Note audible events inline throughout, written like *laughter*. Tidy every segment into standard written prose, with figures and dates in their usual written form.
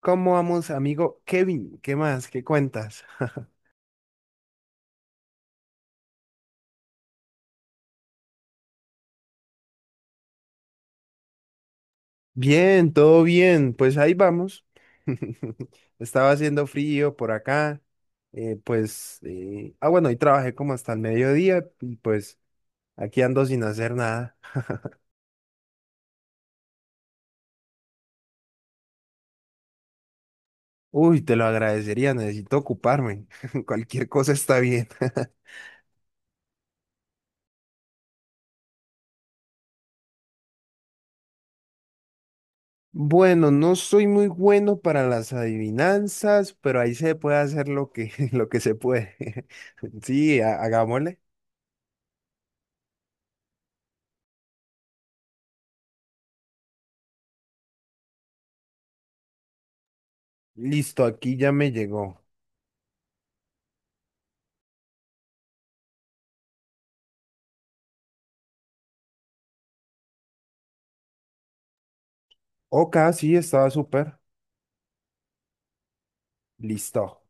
¿Cómo vamos, amigo Kevin? ¿Qué más? ¿Qué cuentas? *laughs* Bien, todo bien. Pues ahí vamos. *laughs* Estaba haciendo frío por acá. Bueno, hoy trabajé como hasta el mediodía y pues aquí ando sin hacer nada. Uy, te lo agradecería, necesito ocuparme. *laughs* Cualquier cosa está bien. *laughs* Bueno, no soy muy bueno para las adivinanzas, pero ahí se puede hacer *laughs* lo que se puede. *laughs* Sí, hagámosle. Listo, aquí ya me llegó. Ok, sí, estaba súper. Listo.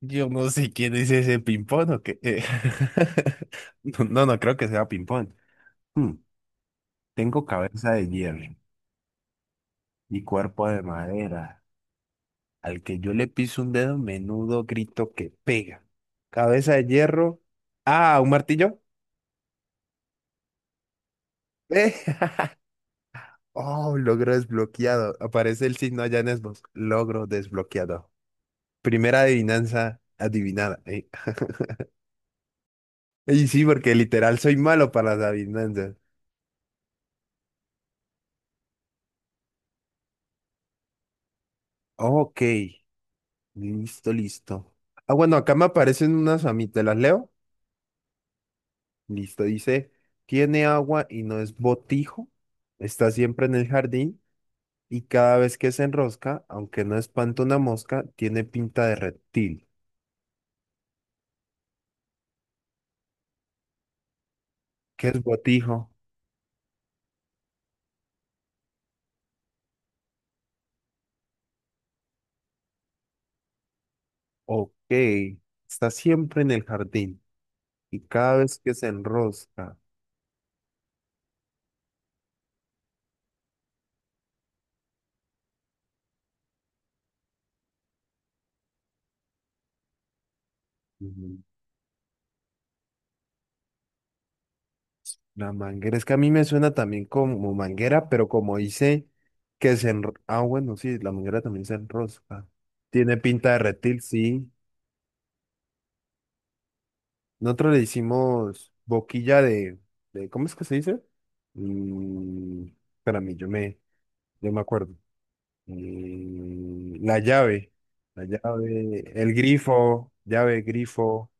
Yo no sé quién es ese ping-pong o qué. *laughs* No, no creo que sea ping-pong. Hmm. Tengo cabeza de hierro y cuerpo de madera. Al que yo le piso un dedo, menudo grito que pega. Cabeza de hierro. Ah, ¿un martillo? Eh, *laughs* Oh, logro desbloqueado. Aparece el signo allá en Xbox. Logro desbloqueado. Primera adivinanza adivinada. Y sí, porque literal soy malo para las adivinanzas. Ok, listo. Ah, bueno, acá me aparecen unas a mí, ¿te las leo? Listo, dice, tiene agua y no es botijo, está siempre en el jardín y cada vez que se enrosca, aunque no espanta una mosca, tiene pinta de reptil. ¿Qué es botijo? Ok, está siempre en el jardín y cada vez que se enrosca. La manguera, es que a mí me suena también como manguera, pero como dice Ah, bueno, sí, la manguera también se enrosca. Tiene pinta de reptil, sí. Nosotros le hicimos ¿cómo es que se dice? Mm, espérame, yo me acuerdo. Mm, la llave, el grifo, llave, grifo.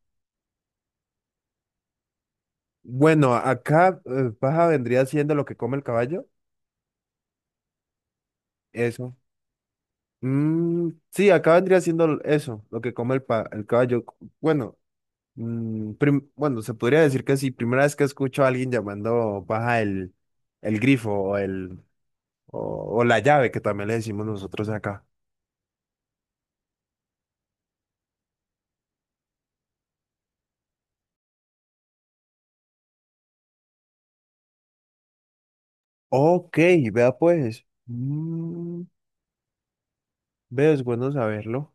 Bueno, acá paja vendría siendo lo que come el caballo, eso. Mm, sí, acá vendría siendo eso, lo que come el caballo. Bueno, bueno, se podría decir que sí, primera vez que escucho a alguien llamando baja el grifo o la llave, que también le decimos nosotros acá. Ok, vea pues. Mm, veo, es bueno saberlo.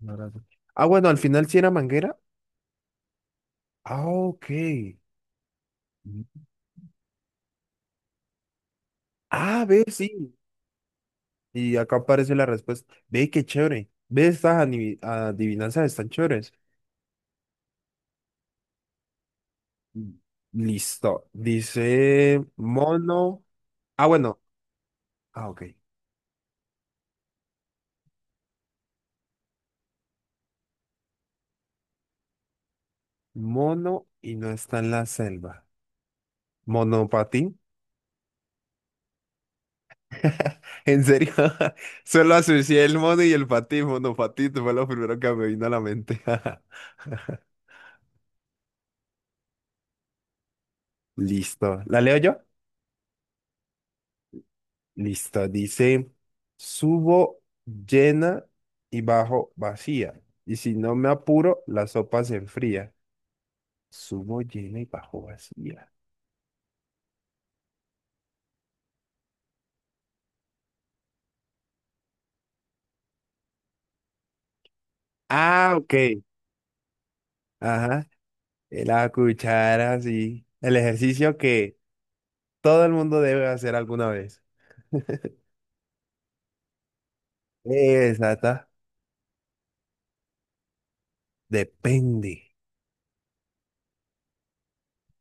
La verdad. Ah, bueno, al final sí era manguera. Ah, ok. Mm. Ah, ve, sí. Y acá aparece la respuesta. Ve, qué chévere. Ve, estas adivinanzas están chéveres. Listo. Dice mono. Ah, bueno. Ah, ok. Mono y no está en la selva. Monopatín. *laughs* ¿En serio? *laughs* Solo asocié el mono y el patín. Monopatín fue lo primero que me vino a la mente. *laughs* Listo. ¿La leo yo? Listo. Dice, subo llena y bajo vacía. Y si no me apuro, la sopa se enfría. Subo llena y bajo vacía. Ah, ok. Ajá, la cuchara, sí. El ejercicio que todo el mundo debe hacer alguna vez. Exacta. Depende.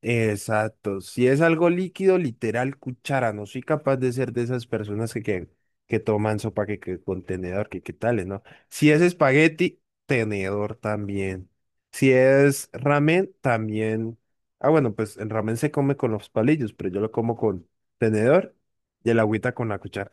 Exacto. Si es algo líquido, literal, cuchara. No soy capaz de ser de esas personas que toman sopa, que contenedor, que qué tales, ¿no? Si es espagueti, tenedor también. Si es ramen, también. Ah, bueno, pues el ramen se come con los palillos, pero yo lo como con tenedor y el agüita con la cuchara.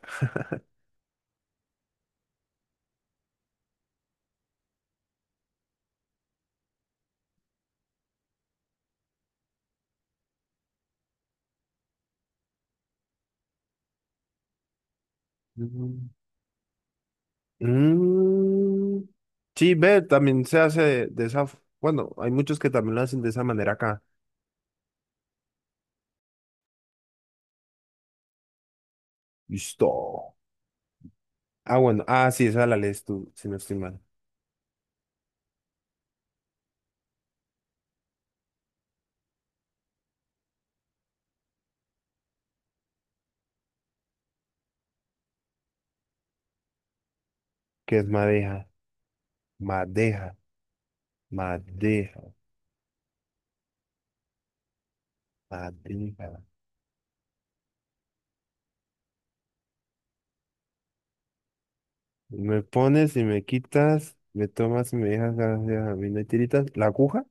*laughs* Mm, sí, ve, también se hace de esa, bueno, hay muchos que también lo hacen de esa manera acá. Listo. Ah, bueno, ah, sí, esa la lees tú, si no estoy mal. ¿Qué es madeja, madeja, madeja, madeja? Me pones y me quitas, me tomas y me dejas, gracias a mí no hay tiritas. La aguja,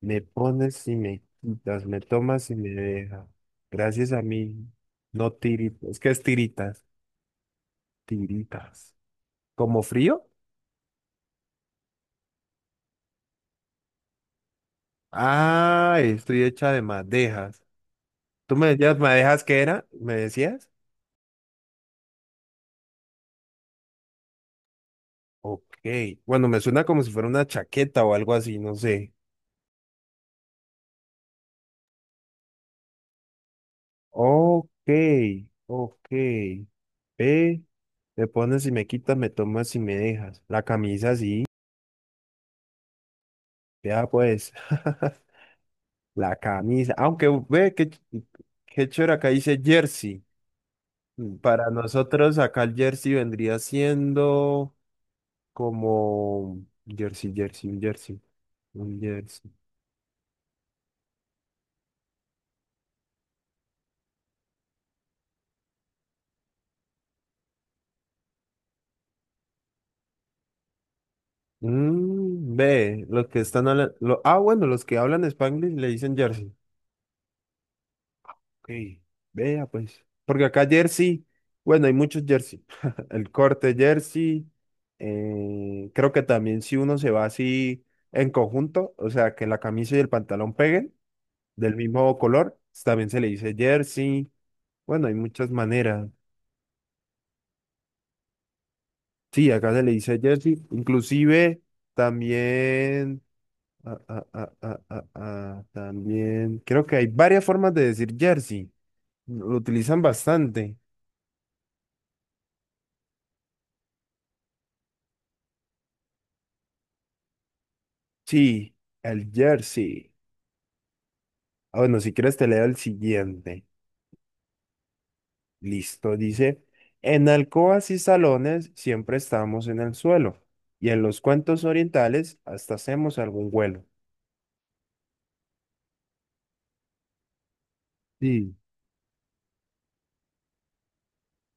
me pones y me quitas, me tomas y me dejas, gracias a mí, no tiritas, es que es tiritas, tiritas. ¿Como frío? Ah, estoy hecha de madejas. ¿Tú me decías madejas qué era? ¿Me decías? Ok. Bueno, me suena como si fuera una chaqueta o algo así, no sé. Ok, ok. Ve, me pones y me quitas, me tomas y me dejas. La camisa sí. Vea pues. *laughs* La camisa. Aunque ve que qué chévere acá dice jersey. Mm, para nosotros acá el jersey vendría siendo como un jersey. Un jersey. Mm, ve, los que están hablando. Ah, bueno, los que hablan Spanglish le dicen jersey. Ok, vea pues. Porque acá jersey, bueno, hay muchos jersey. *laughs* El corte jersey. Creo que también si uno se va así en conjunto, o sea, que la camisa y el pantalón peguen del mismo color, también se le dice jersey. Bueno, hay muchas maneras. Sí, acá se le dice jersey. Inclusive también. También creo que hay varias formas de decir jersey. Lo utilizan bastante. Sí, el jersey. Ah, bueno, si quieres te leo el siguiente. Listo, dice, en alcobas y salones siempre estamos en el suelo y en los cuentos orientales hasta hacemos algún vuelo. Sí.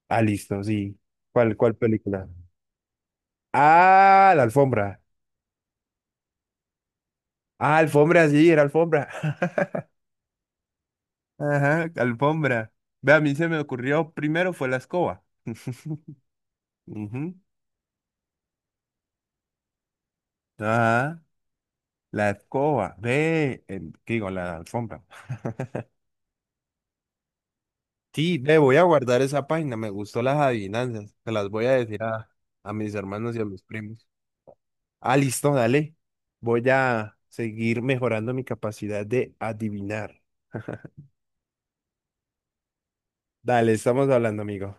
Ah, listo, sí. ¿Cuál, cuál película? Ah, la alfombra. Ah, alfombra, sí, era alfombra. *laughs* Ajá, alfombra. Ve, a mí se me ocurrió primero fue la escoba. *laughs* Ujú. Ajá, la escoba. Ve, ¿qué digo? La alfombra. Sí, ve, voy a guardar esa página. Me gustó las adivinanzas. Se las voy a decir a mis hermanos y a mis primos. Ah, listo, dale. Voy a seguir mejorando mi capacidad de adivinar. Dale, estamos hablando, amigo.